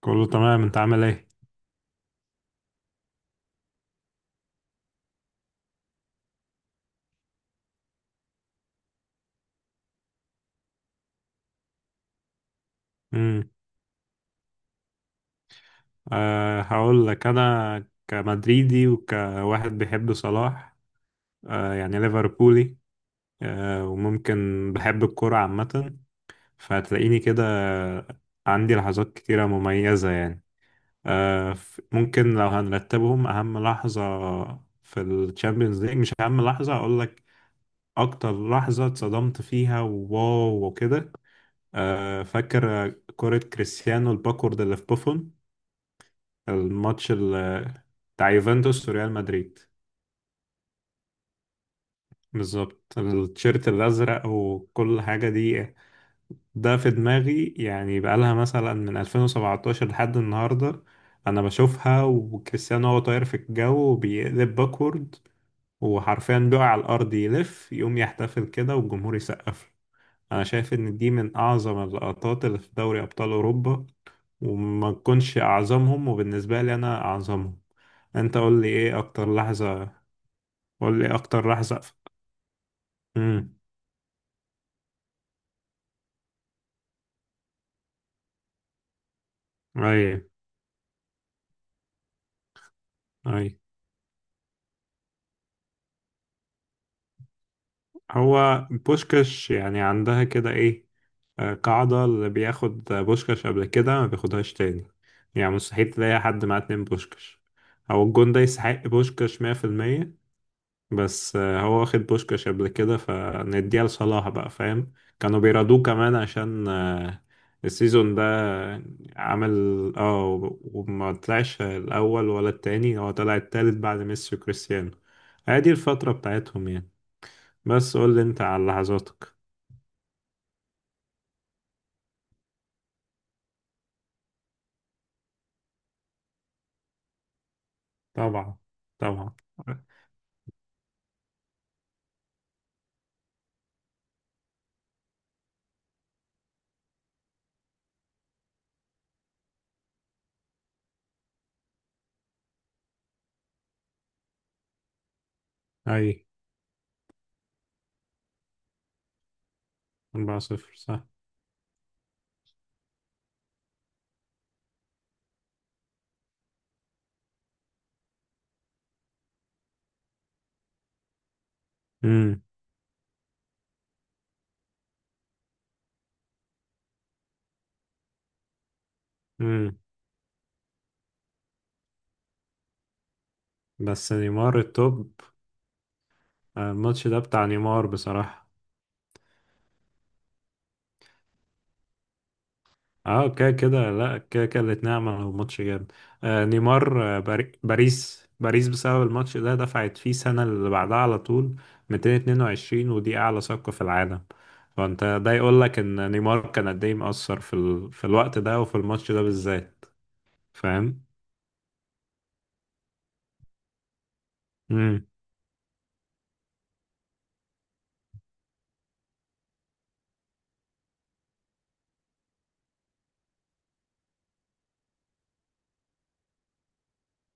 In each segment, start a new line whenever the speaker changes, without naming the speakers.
كله تمام، انت عامل ايه؟ امم هقول لك. انا كمدريدي وكواحد بيحب صلاح، يعني ليفربولي، وممكن بحب الكرة عامة، فهتلاقيني كده عندي لحظات كتيرة مميزة يعني. ممكن لو هنرتبهم، اهم لحظة في الشامبيونز ليج، مش اهم لحظة اقول لك، اكتر لحظة اتصدمت فيها وواو وكده. فاكر كرة كريستيانو الباكورد اللي في بوفون، الماتش ال- بتاع يوفنتوس وريال مدريد. بالظبط، التيشيرت الأزرق وكل حاجة دي، ده في دماغي يعني بقالها مثلا من 2017 لحد النهاردة. أنا بشوفها وكريستيانو هو طاير في الجو وبيقلب باكورد، وحرفيا بيقع على الأرض يلف يقوم يحتفل كده والجمهور يسقف له. أنا شايف إن دي من أعظم اللقطات اللي في دوري أبطال أوروبا، وما تكونش أعظمهم وبالنسبة لي أنا أعظمهم. أنت قول لي إيه أكتر لحظة، قول لي اكتر راح سقف. امم اي. اي، هو بوشكاش يعني عندها كده ايه؟ قاعدة اللي بياخد بوشكاش قبل كده ما بياخدهاش تاني، يعني مستحيل تلاقي حد معاه اتنين بوشكاش، او الجون ده يستحق بوشكاش 100%. بس هو واخد بوشكاش قبل كده فنديها لصلاح بقى، فاهم؟ كانوا بيرادوه كمان عشان السيزون ده عمل، وما طلعش الأول ولا التاني، هو طلع التالت بعد ميسي وكريستيانو. هي دي الفترة بتاعتهم يعني. بس قول لي انت على لحظاتك. طبعا. طبعا. اي، 4 صفر صح. امم امم بس نيمار التوب. الماتش ده بتاع نيمار بصراحة. اه، كده كده، لا كده كده، كانت نعمة وماتش جامد. آه نيمار، باريس بسبب الماتش ده دفعت فيه السنة اللي بعدها على طول 222، ودي أعلى صفقة في العالم. فأنت ده يقول لك إن نيمار كان قد إيه مؤثر في الوقت ده وفي الماتش ده بالذات، فاهم؟ امم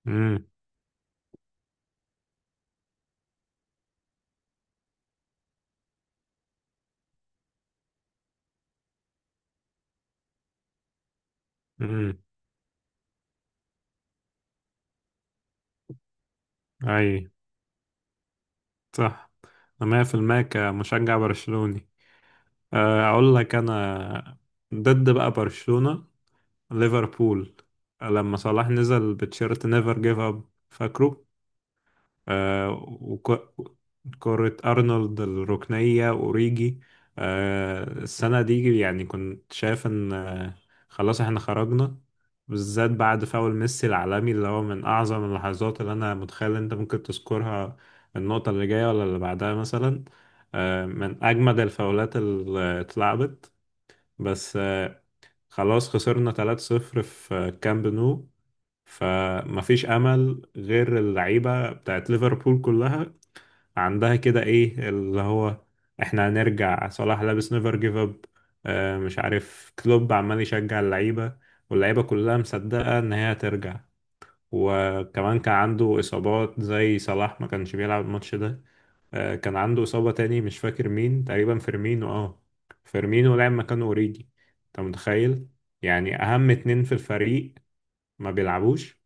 امم امم أي، صح. أنا 100% كمشجع برشلوني. أقول لك أنا، ضد بقى برشلونة، ليفربول، لما صلاح نزل بتشيرت نيفر جيف اب، فاكره؟ آه. وكرة أرنولد الركنية، أوريجي. السنة دي يعني كنت شايف إن خلاص إحنا خرجنا، بالذات بعد فاول ميسي العالمي اللي هو من أعظم اللحظات اللي أنا متخيل أنت ممكن تذكرها، النقطة اللي جاية ولا اللي بعدها مثلا. آه، من أجمد الفاولات اللي اتلعبت. بس خلاص خسرنا 3-0 في كامب نو، فمفيش امل غير اللعيبه بتاعت ليفربول كلها عندها كده ايه اللي هو احنا هنرجع. صلاح لابس نيفر جيف اب، مش عارف كلوب عمال يشجع اللعيبه، واللعيبه كلها مصدقه ان هي هترجع، وكمان كان عنده اصابات. زي صلاح ما كانش بيلعب الماتش ده، كان عنده إصابة تاني، مش فاكر مين، تقريبا فيرمينو. اه، فيرمينو لعب مكانه أوريجي. أنت متخيل، يعني أهم اتنين في الفريق ما بيلعبوش،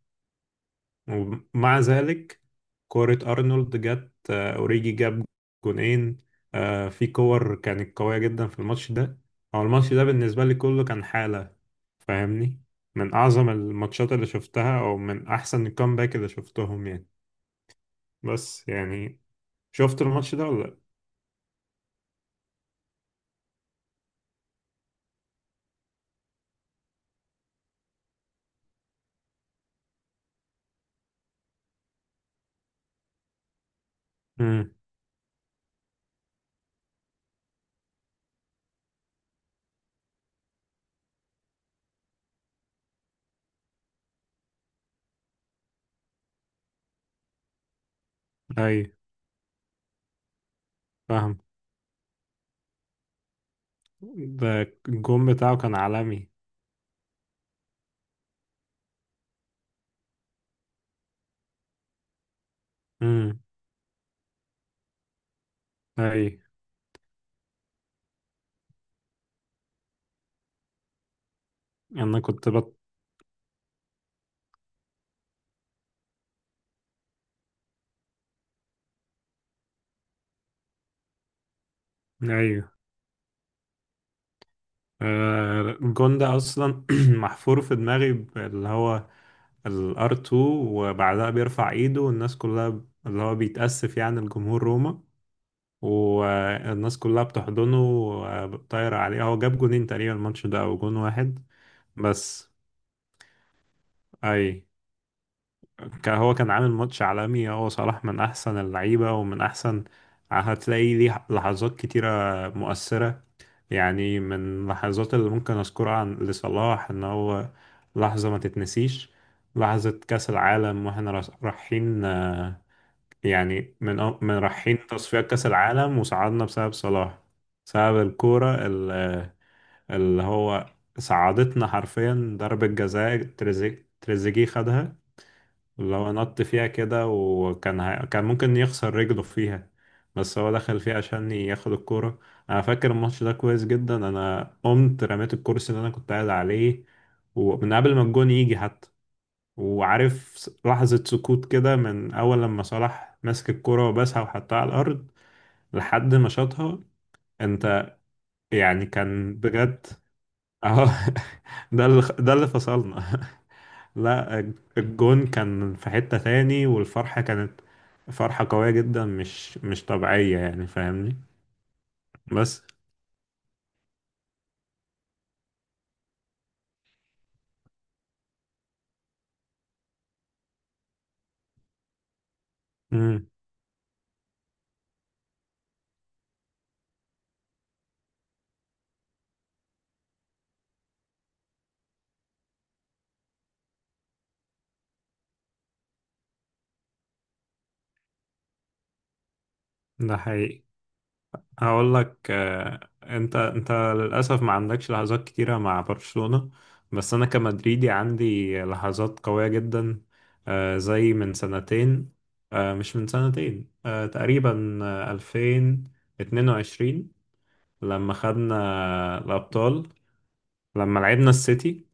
ومع ذلك، كورة أرنولد جت، أوريجي جاب جونين، في كور كانت قوية جدا في الماتش ده. هو الماتش ده بالنسبة لي كله كان حالة، فاهمني؟ من أعظم الماتشات اللي شفتها أو من أحسن الكامباك اللي شفتهم يعني. بس يعني، شفت الماتش ده ولا لأ؟ امم اي، فاهم. ده الجون بتاعه كان عالمي. امم اي، انا كنت بط... ايوه، الجون ده اصلا محفور في دماغي، اللي هو الار 2، وبعدها بيرفع ايده والناس كلها، اللي هو بيتأسف يعني الجمهور روما، والناس كلها بتحضنه وطايرة عليه. هو جاب جونين تقريبا الماتش ده، او جون واحد بس. اي، كان عامل ماتش عالمي. هو صلاح من أحسن اللعيبة ومن أحسن، هتلاقي ليه لحظات كتيرة مؤثرة يعني. من اللحظات اللي ممكن أذكرها عن لصلاح إن هو لحظة ما تتنسيش، لحظة كأس العالم وإحنا رايحين. يعني من رايحين تصفيات كأس العالم وصعدنا بسبب صلاح، بسبب الكورة ال- آه، اللي هو صعدتنا حرفيا. ضربة جزاء تريزيجيه خدها، لو نط فيها كده وكان كان ممكن يخسر رجله فيها، بس هو دخل فيها عشان ياخد الكورة. أنا فاكر الماتش ده كويس جدا، أنا قمت رميت الكرسي اللي أنا كنت قاعد عليه ومن قبل ما الجون يجي حتى. وعارف لحظة سكوت كده من أول لما صلاح مسك الكرة وبسها وحطها على الأرض لحد ما شاطها، أنت؟ يعني كان بجد. أهو. ده اللي فصلنا. لا، الجون كان في حتة تاني، والفرحة كانت فرحة قوية جدا، مش طبيعية يعني، فاهمني؟ بس... امم ده حقيقي. هقول لك، انت للأسف ما عندكش لحظات كتيرة مع برشلونة، بس انا كمدريدي عندي لحظات قوية جدا. زي من سنتين، مش من سنتين، تقريبا، 2022، لما خدنا الأبطال، لما لعبنا السيتي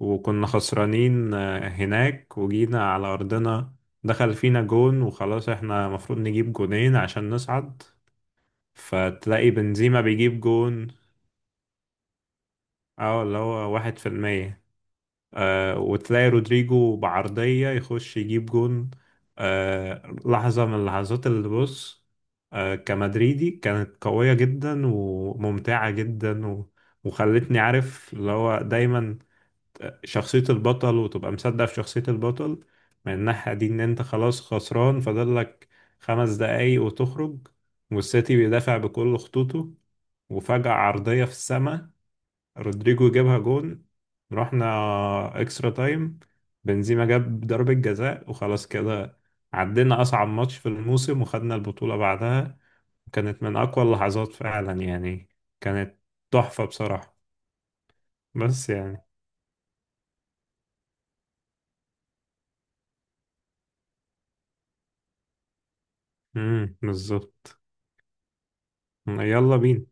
وكنا خسرانين هناك وجينا على أرضنا، دخل فينا جون وخلاص احنا مفروض نجيب جونين عشان نصعد. فتلاقي بنزيما بيجيب جون، اه، اللي هو 1%. آه، وتلاقي رودريجو بعرضية يخش يجيب جون. آه، لحظة من اللحظات اللي بص، آه، كمدريدي كانت قوية جدا وممتعة جدا و... وخلتني عارف اللي هو دايما شخصية البطل، وتبقى مصدق في شخصية البطل من الناحية دي. إن أنت خلاص خسران، فاضلك 5 دقايق وتخرج، والسيتي بيدافع بكل خطوطه، وفجأة عرضية في السماء، رودريجو جابها جون، رحنا اكسترا تايم، بنزيما جاب ضربة جزاء وخلاص كده. عدينا أصعب ماتش في الموسم وخدنا البطولة بعدها. كانت من أقوى اللحظات فعلا يعني. كانت تحفة بصراحة. بس يعني... بالظبط. يلا بينا.